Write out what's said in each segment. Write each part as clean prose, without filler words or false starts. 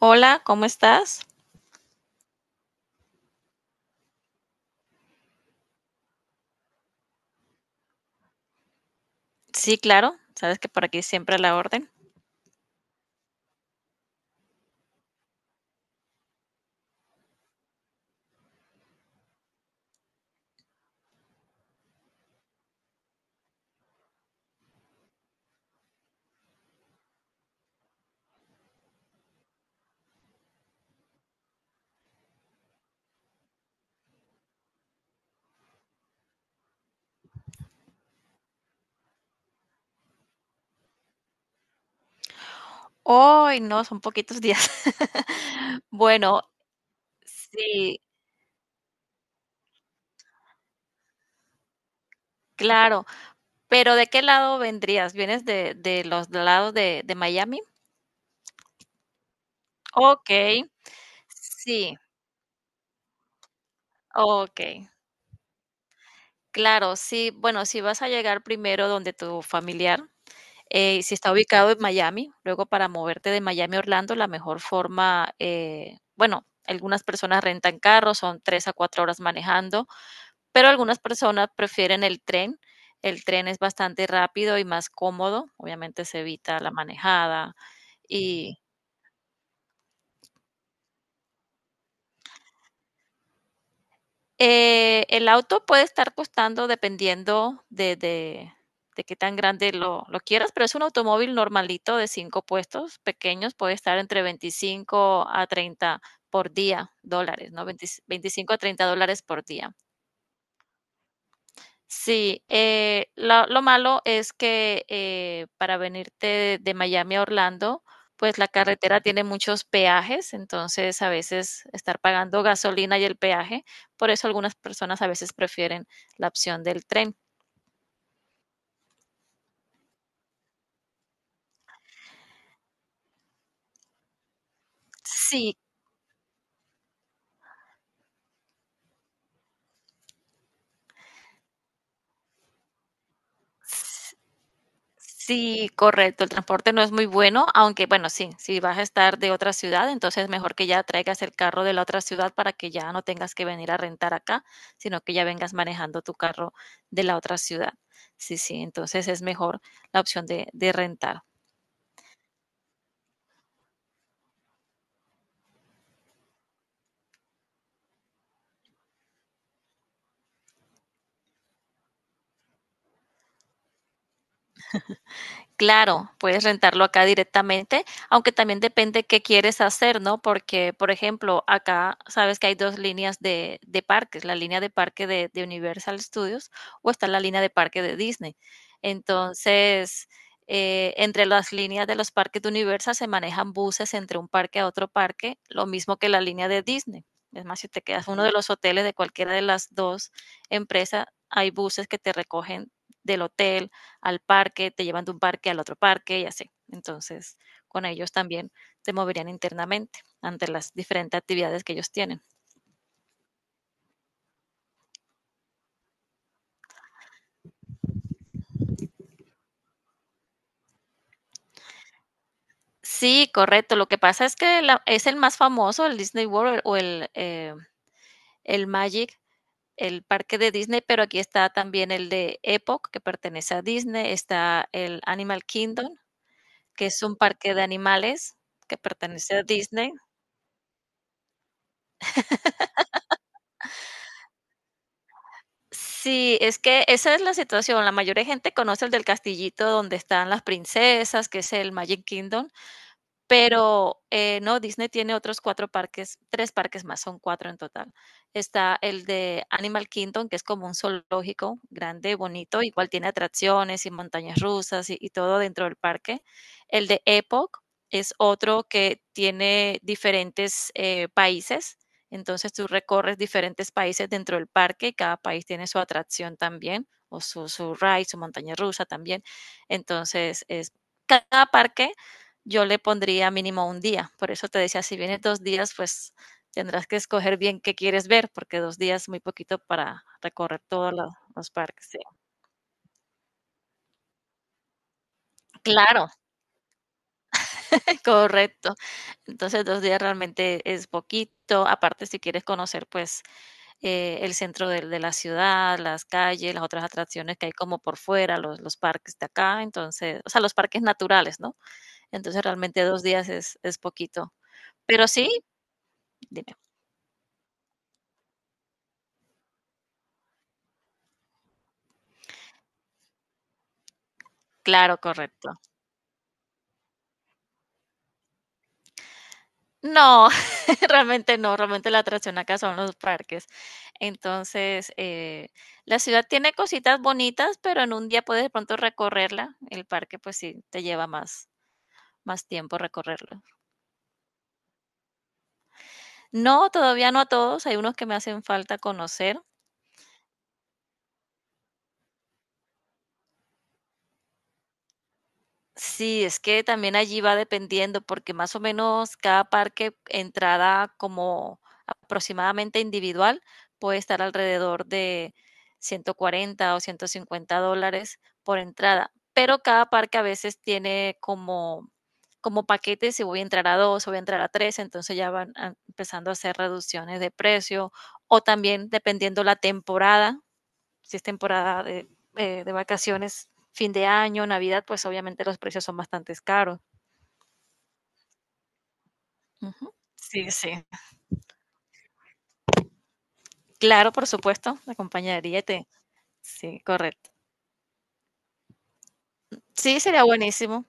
Hola, ¿cómo estás? Sí, claro, sabes que por aquí siempre a la orden. Hoy no, son poquitos días. Bueno, sí, claro, pero ¿de qué lado vendrías? ¿Vienes de los lados de Miami? Ok, sí, ok, claro, sí, bueno, si vas a llegar primero donde tu familiar, si está ubicado en Miami, luego para moverte de Miami a Orlando, la mejor forma, bueno, algunas personas rentan carros, son tres a cuatro horas manejando. Pero algunas personas prefieren el tren. El tren es bastante rápido y más cómodo, obviamente se evita la manejada y, el auto puede estar costando dependiendo de qué tan grande lo quieras, pero es un automóvil normalito de 5 puestos, pequeños, puede estar entre 25 a treinta por día, dólares, ¿no? Veintis $25 a $30 por día. Sí, lo malo es que para venirte de Miami a Orlando, pues la carretera tiene muchos peajes, entonces a veces estar pagando gasolina y el peaje, por eso algunas personas a veces prefieren la opción del tren. Sí, sí, correcto. El transporte no es muy bueno, aunque bueno, sí, si vas a estar de otra ciudad, entonces mejor que ya traigas el carro de la otra ciudad para que ya no tengas que venir a rentar acá, sino que ya vengas manejando tu carro de la otra ciudad. Sí, sí, entonces es mejor la opción de rentar. Claro, puedes rentarlo acá directamente, aunque también depende qué quieres hacer, ¿no? Porque, por ejemplo, acá sabes que hay dos líneas de parques, la línea de parque de Universal Studios o está la línea de parque de Disney. Entonces, entre las líneas de los parques de Universal se manejan buses entre un parque a otro parque, lo mismo que la línea de Disney. Es más, si te quedas en uno de los hoteles de cualquiera de las dos empresas, hay buses que te recogen del hotel al parque, te llevan de un parque al otro parque y así. Entonces, con ellos también te moverían internamente ante las diferentes actividades que ellos tienen. Sí, correcto. Lo que pasa es que es el más famoso, el Disney World o el Magic, el parque de Disney, pero aquí está también el de Epoch, que pertenece a Disney, está el Animal Kingdom, que es un parque de animales que pertenece a Disney. Sí, es que esa es la situación. La mayoría de gente conoce el del castillito donde están las princesas, que es el Magic Kingdom, pero, no, Disney tiene otros 4 parques, 3 parques más, son 4 en total. Está el de Animal Kingdom, que es como un zoológico grande, bonito, igual tiene atracciones y montañas rusas y todo dentro del parque. El de Epoch es otro que tiene diferentes, países, entonces tú recorres diferentes países dentro del parque y cada país tiene su atracción también, o su ride, su montaña rusa también. Entonces, es cada parque yo le pondría mínimo un día. Por eso te decía, si vienes dos días, pues tendrás que escoger bien qué quieres ver, porque dos días es muy poquito para recorrer todos los parques. Sí. Claro, correcto. Entonces, dos días realmente es poquito. Aparte, si quieres conocer, pues, el centro de la ciudad, las calles, las otras atracciones que hay como por fuera, los parques de acá, entonces, o sea, los parques naturales, ¿no? Entonces, realmente dos días es poquito. Pero sí, dime. Claro, correcto. No, realmente no, realmente la atracción acá son los parques. Entonces, la ciudad tiene cositas bonitas, pero en un día puedes de pronto recorrerla. El parque, pues sí, te lleva más, más tiempo recorrerlo. No, todavía no a todos, hay unos que me hacen falta conocer. Sí, es que también allí va dependiendo, porque más o menos cada parque, entrada como aproximadamente individual, puede estar alrededor de 140 o 150 dólares por entrada. Pero cada parque a veces tiene como, como paquetes, si voy a entrar a dos, o voy a entrar a tres, entonces empezando a hacer reducciones de precio, o también dependiendo la temporada, si es temporada de vacaciones, fin de año, Navidad, pues obviamente los precios son bastante caros. Ujú. Sí, sí. Claro, por supuesto, la compañería te... Sí, correcto. Sí, sería buenísimo.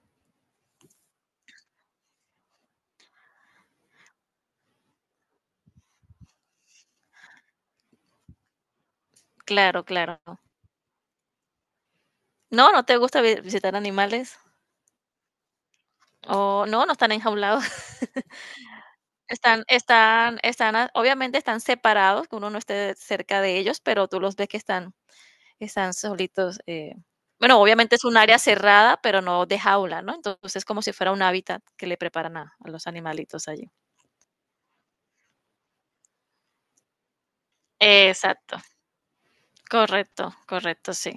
Claro, claro. No, ¿no te gusta visitar animales? O no, no están enjaulados. Están, están, están, obviamente están separados, que uno no esté cerca de ellos, pero tú los ves que están Están solitos. Bueno, obviamente es un área cerrada, pero no de jaula, ¿no? Entonces es como si fuera un hábitat que le preparan a los animalitos allí. Exacto, correcto, correcto, sí.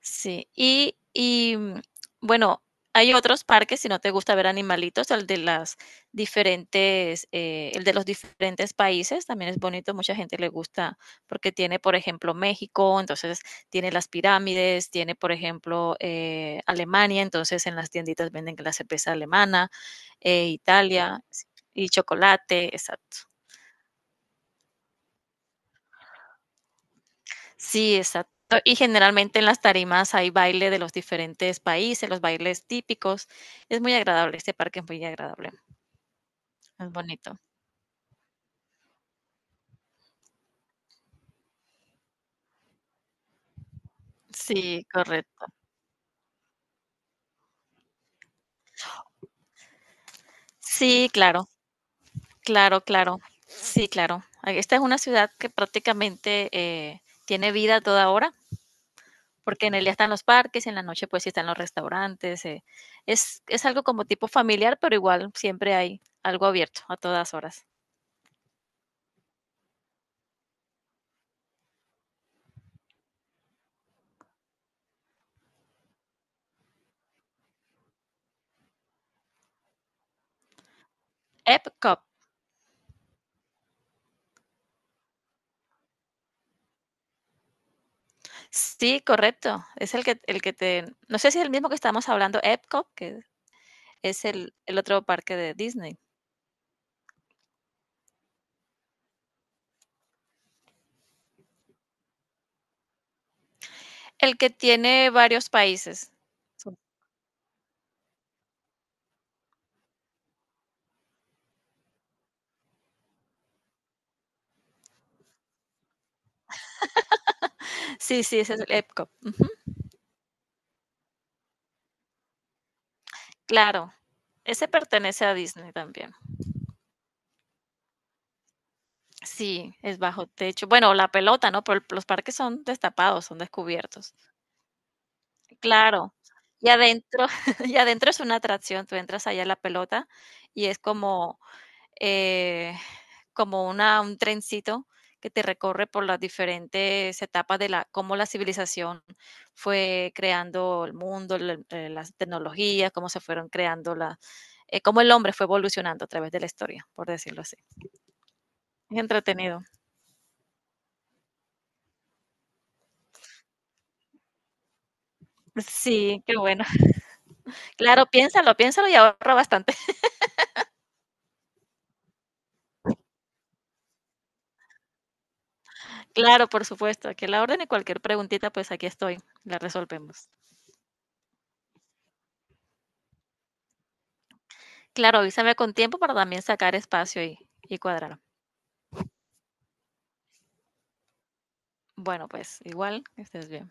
Sí, y bueno, hay otros parques, si no te gusta ver animalitos, el de las diferentes, el de los diferentes países también es bonito, mucha gente le gusta porque tiene, por ejemplo, México, entonces tiene las pirámides, tiene, por ejemplo, Alemania, entonces en las tienditas venden la cerveza alemana, Italia sí, y chocolate, exacto. Sí, exacto. Y generalmente en las tarimas hay baile de los diferentes países, los bailes típicos. Es muy agradable, este parque es muy agradable, es bonito. Sí, correcto. Sí, claro, claro, claro. Sí, claro. Ah, esta es una ciudad que prácticamente tiene vida a toda hora, porque en el día están los parques, en la noche pues sí están los restaurantes. Es algo como tipo familiar, pero igual siempre hay algo abierto a todas horas. Epcot. Sí, correcto. Es el que te no sé si es el mismo que estábamos hablando, Epcot, que es el otro parque de Disney. El que tiene varios países. Sí, sí, ese es el Epcot. Claro, ese pertenece a Disney también. Sí, es bajo techo. Bueno, la pelota, ¿no? Pero los parques son destapados, son descubiertos. Claro. Y adentro y adentro es una atracción, tú entras allá a la pelota y es como eh, como una, un trencito que te recorre por las diferentes etapas de la, cómo la civilización fue creando el mundo, las tecnologías, cómo se fueron creando la, cómo el hombre fue evolucionando a través de la historia, por decirlo así. Es entretenido. Sí, qué bueno. Claro, piénsalo, piénsalo y ahorra bastante. Claro, por supuesto. Aquí a la orden y cualquier preguntita, pues aquí estoy. La resolvemos. Claro, avísame con tiempo para también sacar espacio y cuadrar. Bueno, pues igual, que estés bien.